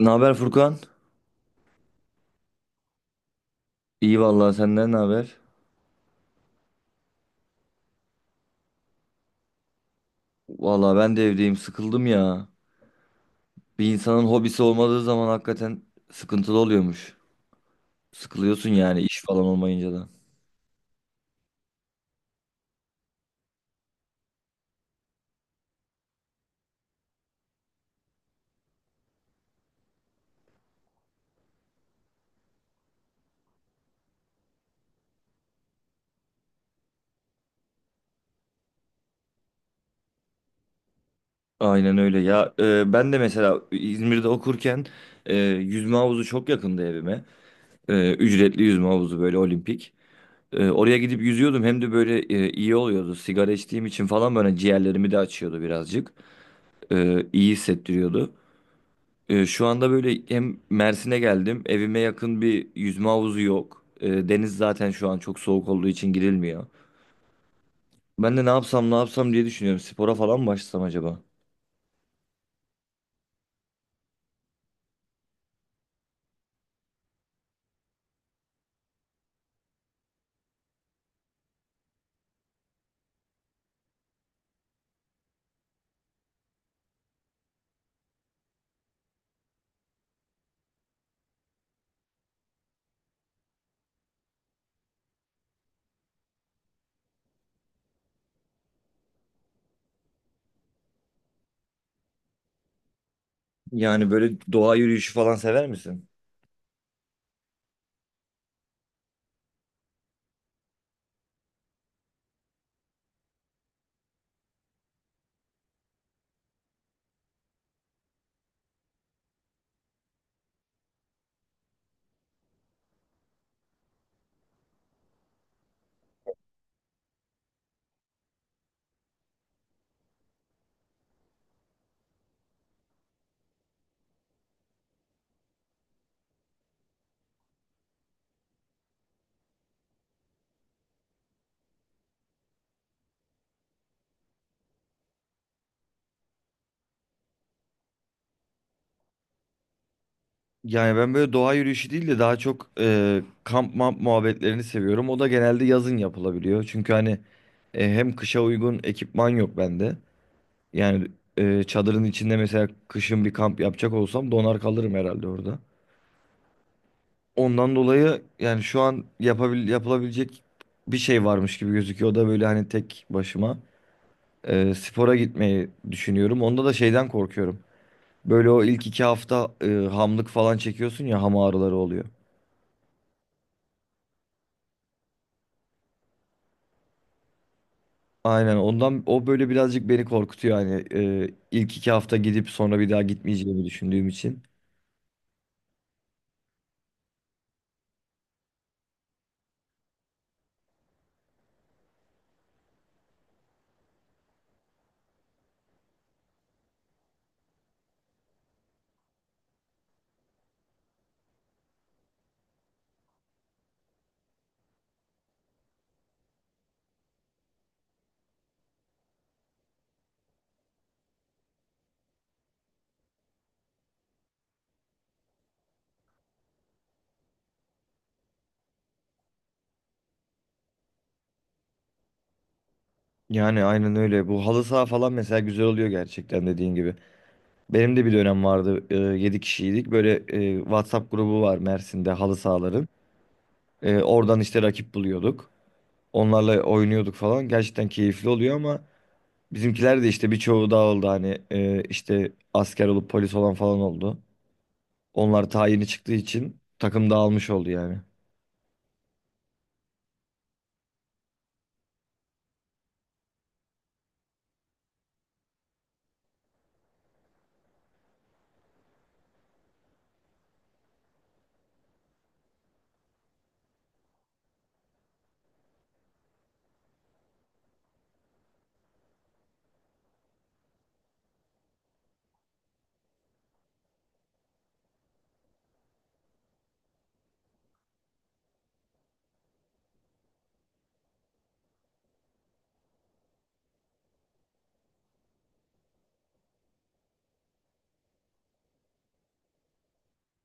Ne haber Furkan? İyi vallahi senden ne haber? Vallahi ben de evdeyim sıkıldım ya. Bir insanın hobisi olmadığı zaman hakikaten sıkıntılı oluyormuş. Sıkılıyorsun yani iş falan olmayınca da. Aynen öyle ya. Ben de mesela İzmir'de okurken yüzme havuzu çok yakındı evime. Ücretli yüzme havuzu böyle olimpik. Oraya gidip yüzüyordum hem de böyle iyi oluyordu. Sigara içtiğim için falan böyle ciğerlerimi de açıyordu birazcık. İyi hissettiriyordu. Şu anda böyle hem Mersin'e geldim. Evime yakın bir yüzme havuzu yok. Deniz zaten şu an çok soğuk olduğu için girilmiyor. Ben de ne yapsam ne yapsam diye düşünüyorum. Spora falan mı başlasam acaba? Yani böyle doğa yürüyüşü falan sever misin? Yani ben böyle doğa yürüyüşü değil de daha çok kamp mamp muhabbetlerini seviyorum. O da genelde yazın yapılabiliyor. Çünkü hani hem kışa uygun ekipman yok bende. Yani çadırın içinde mesela kışın bir kamp yapacak olsam donar kalırım herhalde orada. Ondan dolayı yani şu an yapılabilecek bir şey varmış gibi gözüküyor. O da böyle hani tek başıma spora gitmeyi düşünüyorum. Onda da şeyden korkuyorum. Böyle o ilk iki hafta hamlık falan çekiyorsun ya ham ağrıları oluyor. Aynen ondan o böyle birazcık beni korkutuyor hani ilk iki hafta gidip sonra bir daha gitmeyeceğimi düşündüğüm için. Yani aynen öyle. Bu halı saha falan mesela güzel oluyor gerçekten dediğin gibi. Benim de bir dönem vardı. 7 kişiydik. Böyle WhatsApp grubu var Mersin'de halı sahaların. Oradan işte rakip buluyorduk. Onlarla oynuyorduk falan. Gerçekten keyifli oluyor ama bizimkiler de işte birçoğu dağıldı. Hani işte asker olup polis olan falan oldu. Onlar tayini çıktığı için takım dağılmış oldu yani.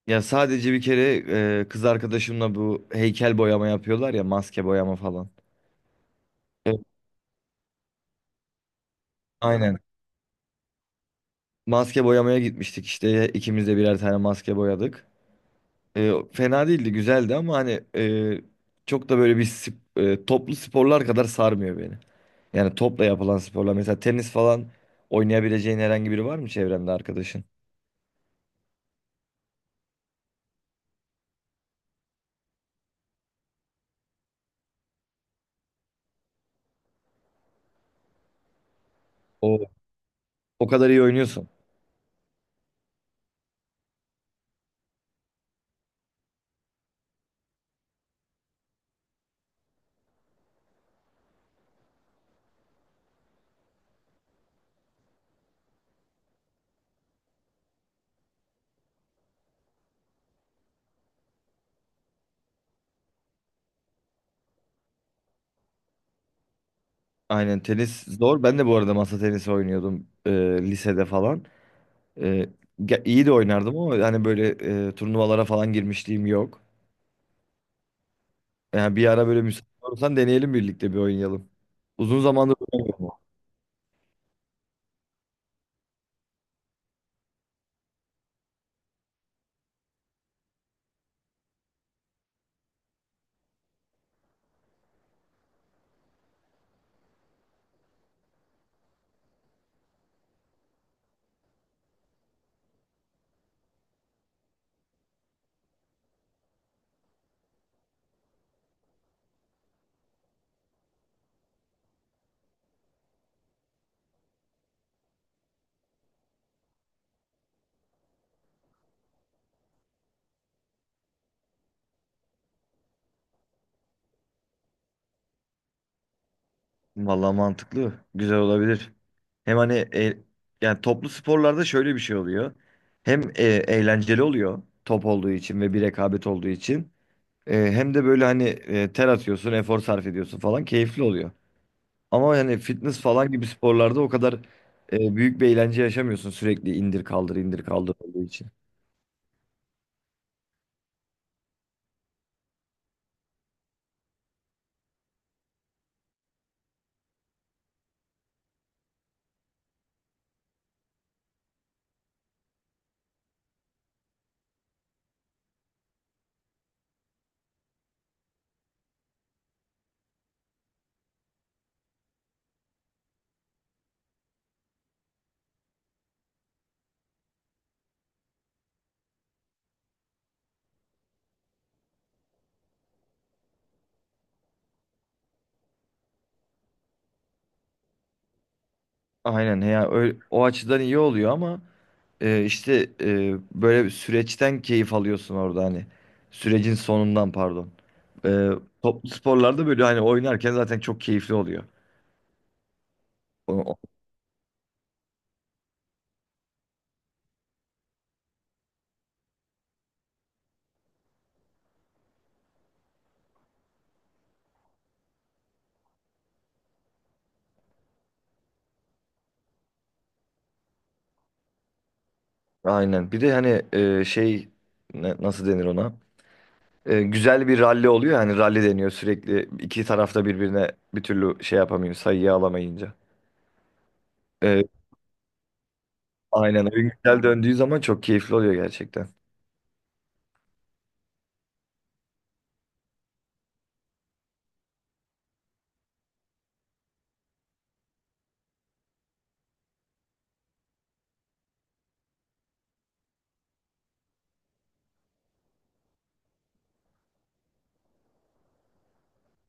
Ya sadece bir kere kız arkadaşımla bu heykel boyama yapıyorlar ya maske boyama falan. Evet. Aynen. Maske boyamaya gitmiştik işte ikimiz de birer tane maske boyadık. Fena değildi güzeldi ama hani çok da böyle bir toplu sporlar kadar sarmıyor beni. Yani topla yapılan sporlar. Mesela tenis falan oynayabileceğin herhangi biri var mı çevrende arkadaşın? O O kadar iyi oynuyorsun. Aynen tenis zor. Ben de bu arada masa tenisi oynuyordum lisede falan. E, iyi de oynardım ama hani böyle turnuvalara falan girmişliğim yok. Yani bir ara böyle müsait olursan deneyelim birlikte bir oynayalım. Uzun zamandır oynamıyorum. Vallahi mantıklı. Güzel olabilir. Hem hani e- Yani toplu sporlarda şöyle bir şey oluyor. Hem eğlenceli oluyor top olduğu için ve bir rekabet olduğu için. Hem de böyle hani ter atıyorsun, efor sarf ediyorsun falan keyifli oluyor. Ama hani fitness falan gibi sporlarda o kadar büyük bir eğlence yaşamıyorsun sürekli indir kaldır indir kaldır olduğu için. Aynen ya öyle, o açıdan iyi oluyor ama e, işte e, böyle bir süreçten keyif alıyorsun orada hani sürecin sonundan pardon. E, Toplu sporlarda böyle hani oynarken zaten çok keyifli oluyor. O- o- aynen bir de hani şey nasıl denir ona? Güzel bir ralli oluyor ya, hani ralli deniyor sürekli iki tarafta birbirine bir türlü şey yapamıyor sayıyı alamayınca. E, aynen oyun güzel döndüğü zaman çok keyifli oluyor gerçekten.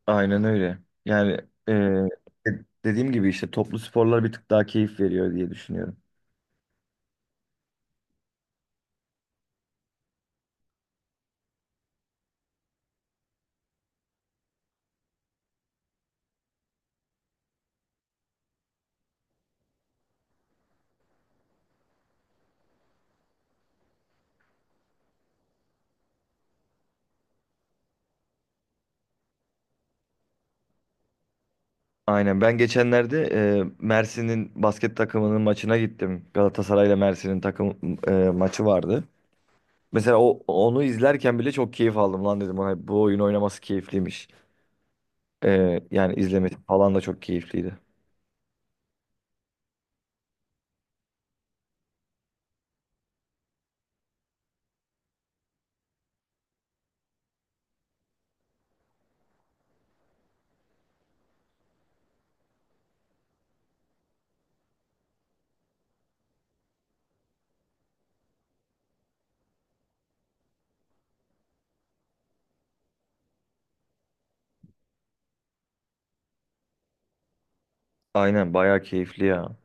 Aynen öyle. Yani e, dediğim gibi işte toplu sporlar bir tık daha keyif veriyor diye düşünüyorum. Aynen ben geçenlerde Mersin'in basket takımının maçına gittim. Galatasaray'la Mersin'in takım maçı vardı. Mesela o onu izlerken bile çok keyif aldım lan dedim ona bu oyun oynaması keyifliymiş. Yani izlemesi falan da çok keyifliydi. Aynen bayağı keyifli ya.